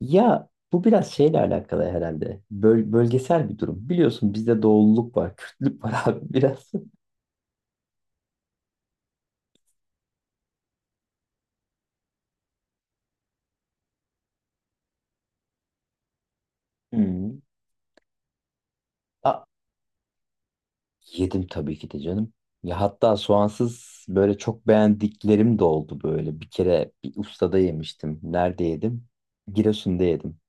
Ya bu biraz şeyle alakalı herhalde. Bölgesel bir durum. Biliyorsun bizde doğulluk var, Kürtlük var abi biraz. Hmm. A, yedim tabii ki de canım. Ya hatta soğansız böyle çok beğendiklerim de oldu böyle. Bir kere bir ustada yemiştim. Nerede yedim? Giresun'da yedim.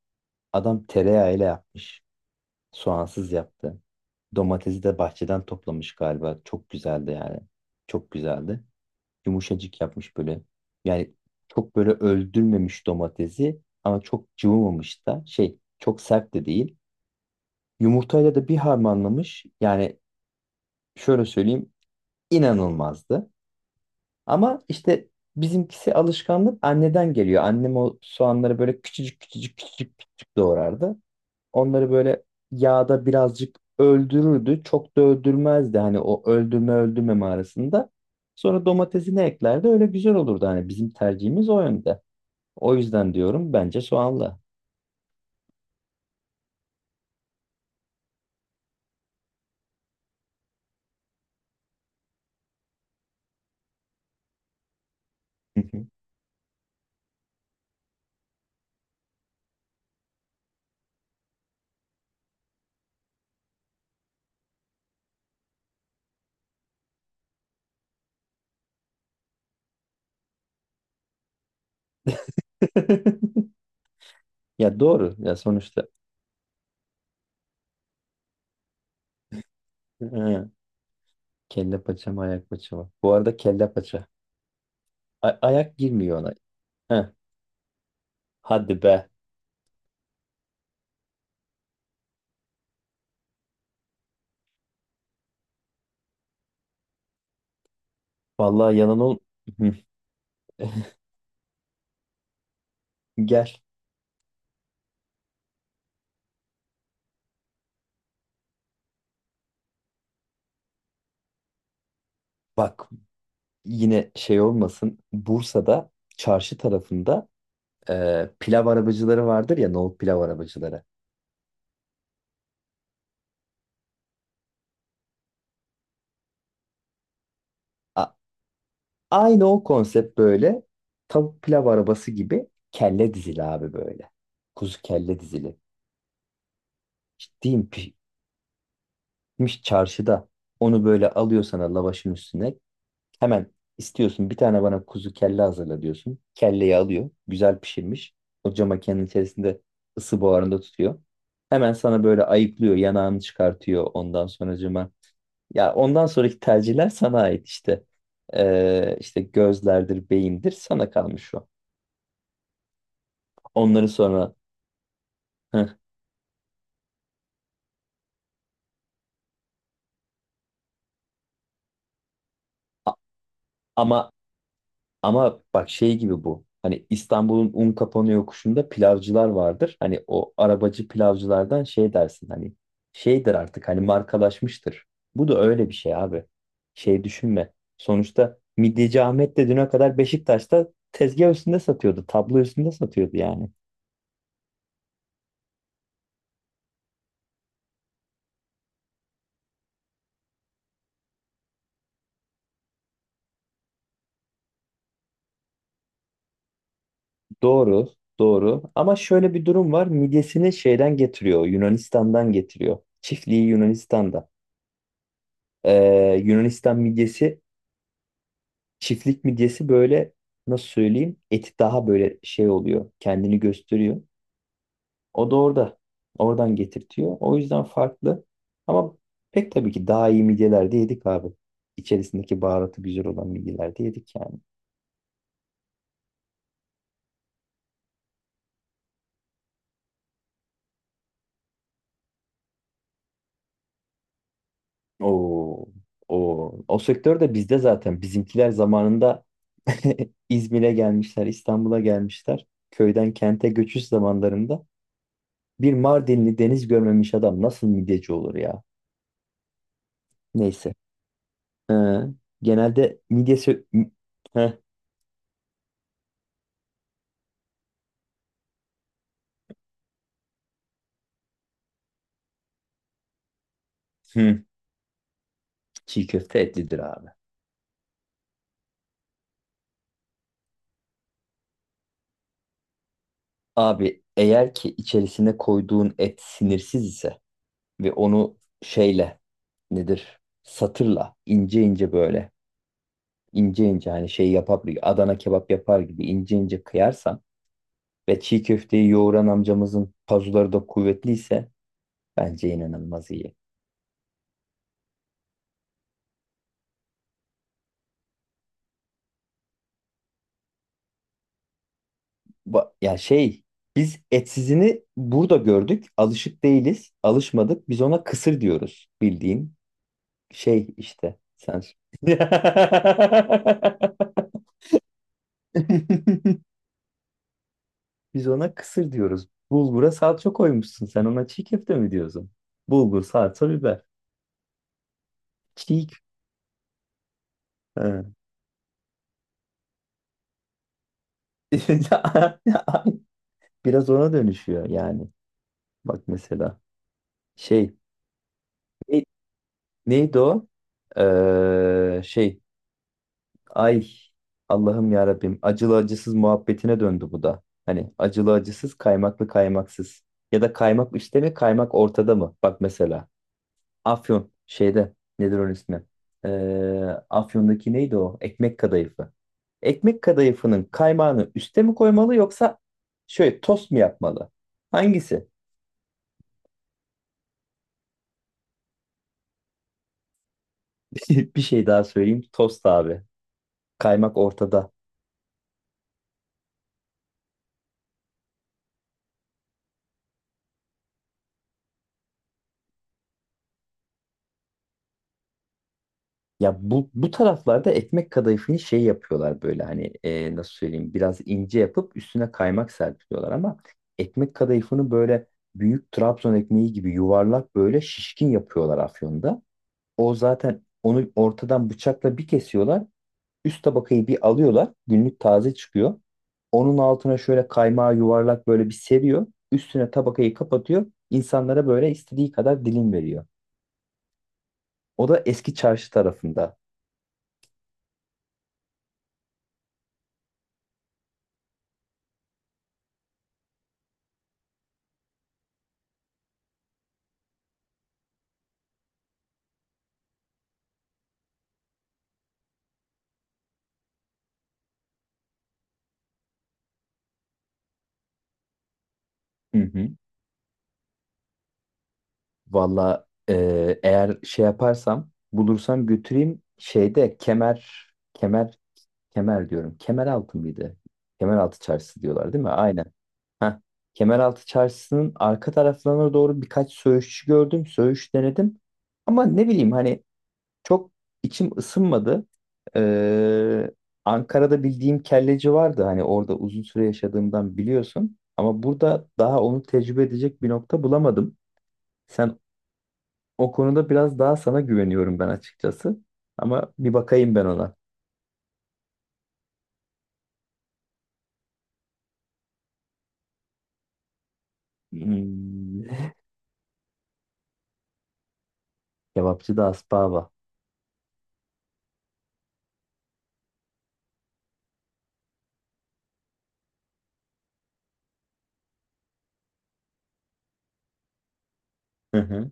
Adam tereyağıyla yapmış. Soğansız yaptı. Domatesi de bahçeden toplamış galiba. Çok güzeldi yani. Çok güzeldi. Yumuşacık yapmış böyle. Yani çok böyle öldürmemiş domatesi ama çok cıvımamış da şey çok sert de değil. Yumurtayla da bir harmanlamış. Yani şöyle söyleyeyim, inanılmazdı. Ama işte bizimkisi alışkanlık anneden geliyor. Annem o soğanları böyle küçücük küçücük küçücük küçücük doğrardı. Onları böyle yağda birazcık öldürürdü. Çok da öldürmezdi hani o öldürme öldürmeme arasında. Sonra domatesini eklerdi. Öyle güzel olurdu hani bizim tercihimiz o yönde. O yüzden diyorum bence soğanla. Ya doğru ya sonuçta. He. Kelle paça mı ayak paça mı? Bu arada kelle paça. Ayak girmiyor ona. Heh, hadi be. Vallahi yalan ol. Hı. Gel. Bak yine şey olmasın. Bursa'da çarşı tarafında pilav arabacıları vardır ya, nohut pilav arabacıları. A- aynı o konsept, böyle tavuk pilav arabası gibi kelle dizili abi böyle. Kuzu kelle dizili. Ciddiyim, pişmiş çarşıda. Onu böyle alıyor sana lavaşın üstüne. Hemen istiyorsun, bir tane bana kuzu kelle hazırla diyorsun. Kelleyi alıyor. Güzel pişirmiş. O cam makinenin içerisinde ısı buharında tutuyor. Hemen sana böyle ayıklıyor. Yanağını çıkartıyor. Ondan sonra. Ya ondan sonraki tercihler sana ait işte. İşte gözlerdir, beyindir, sana kalmış o. Onları sonra. Hı. A- ama ama bak, şey gibi bu. Hani İstanbul'un Unkapanı yokuşunda pilavcılar vardır. Hani o arabacı pilavcılardan şey dersin hani, şeydir artık hani, markalaşmıştır. Bu da öyle bir şey abi. Şey düşünme. Sonuçta Midyeci Ahmet de düne kadar Beşiktaş'ta tezgah üstünde satıyordu. Tablo üstünde satıyordu yani. Doğru, doğru. Ama şöyle bir durum var. Midyesini şeyden getiriyor, Yunanistan'dan getiriyor. Çiftliği Yunanistan'da. Yunanistan midyesi, çiftlik midyesi, böyle nasıl söyleyeyim? Eti daha böyle şey oluyor, kendini gösteriyor. O da orada, oradan getirtiyor. O yüzden farklı. Ama pek tabii ki daha iyi midyeler de yedik abi. İçerisindeki baharatı güzel olan midyeler de yedik yani. O, o sektör de bizde zaten. Bizimkiler zamanında İzmir'e gelmişler, İstanbul'a gelmişler. Köyden kente göçüş zamanlarında bir Mardinli deniz görmemiş adam nasıl midyeci olur ya? Neyse. Ee, Genelde midye Heh, hı, çiğ köfte etlidir abi. Abi eğer ki içerisine koyduğun et sinirsiz ise ve onu şeyle, nedir, satırla ince ince böyle, ince ince hani şey yapar, Adana kebap yapar gibi ince ince kıyarsan ve çiğ köfteyi yoğuran amcamızın pazuları da kuvvetliyse bence inanılmaz iyi. Ya şey, biz etsizini burada gördük. Alışık değiliz. Alışmadık. Biz ona kısır diyoruz. Bildiğin şey işte. Sen. Biz ona kısır diyoruz. Bulgura salça koymuşsun. Sen ona çiğ köfte mi diyorsun? Bulgur, salça, biber. Çiğ. Ha. Biraz ona dönüşüyor yani. Bak mesela şey, ne- neydi o? Şey, ay, Allah'ım ya Rabbim, acılı acısız muhabbetine döndü bu da. Hani acılı acısız, kaymaklı kaymaksız, ya da kaymak üstte mi kaymak ortada mı? Bak mesela Afyon şeyde, nedir onun ismi? Ee, Afyon'daki neydi o? Ekmek kadayıfı. Ekmek kadayıfının kaymağını üste mi koymalı, yoksa şöyle tost mu yapmalı? Hangisi? Bir şey daha söyleyeyim. Tost abi. Kaymak ortada. Ya bu taraflarda ekmek kadayıfını şey yapıyorlar, böyle hani nasıl söyleyeyim, biraz ince yapıp üstüne kaymak serpiliyorlar ama ekmek kadayıfını böyle büyük Trabzon ekmeği gibi yuvarlak, böyle şişkin yapıyorlar Afyon'da. O zaten onu ortadan bıçakla bir kesiyorlar. Üst tabakayı bir alıyorlar. Günlük taze çıkıyor. Onun altına şöyle kaymağı yuvarlak böyle bir seriyor. Üstüne tabakayı kapatıyor. İnsanlara böyle istediği kadar dilim veriyor. O da eski çarşı tarafında. Hı hı. Valla eğer şey yaparsam, bulursam götüreyim, şeyde kemer, kemer kemer diyorum. Kemeraltı mıydı? Kemeraltı çarşısı diyorlar değil mi? Aynen. Heh. Kemeraltı çarşısının arka taraflarına doğru birkaç söğüşçü gördüm. Söğüş denedim. Ama ne bileyim hani, çok içim ısınmadı. Ee, Ankara'da bildiğim kelleci vardı. Hani orada uzun süre yaşadığımdan biliyorsun. Ama burada daha onu tecrübe edecek bir nokta bulamadım. Sen, o konuda biraz daha sana güveniyorum ben açıkçası. Ama bir bakayım ben ona. Hmm. Kebapçı da Aspava. Hı hı.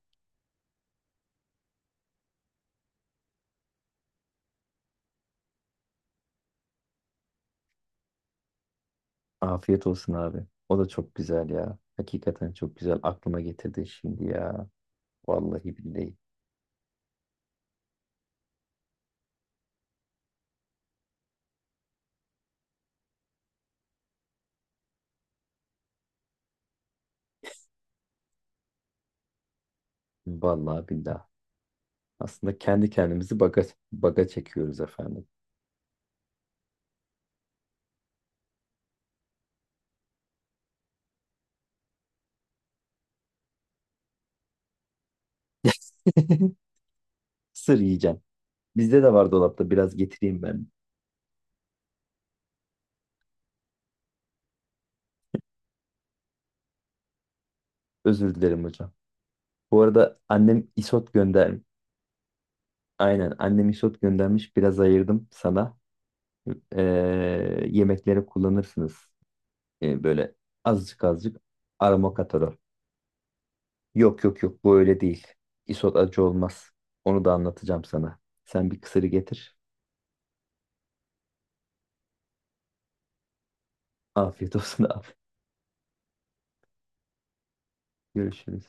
Afiyet olsun abi. O da çok güzel ya. Hakikaten çok güzel. Aklıma getirdin şimdi ya. Vallahi billahi. Vallahi billahi. Aslında kendi kendimizi baga çekiyoruz efendim. Sır yiyeceğim. Bizde de var dolapta, biraz getireyim ben. Özür dilerim hocam. Bu arada annem isot gönder. Aynen, annem isot göndermiş. Biraz ayırdım sana. Ee, yemeklere kullanırsınız. Böyle azıcık azıcık aroma katar o. Yok yok yok, bu öyle değil. Isot acı olmaz. Onu da anlatacağım sana. Sen bir kısırı getir. Afiyet olsun abi. Görüşürüz.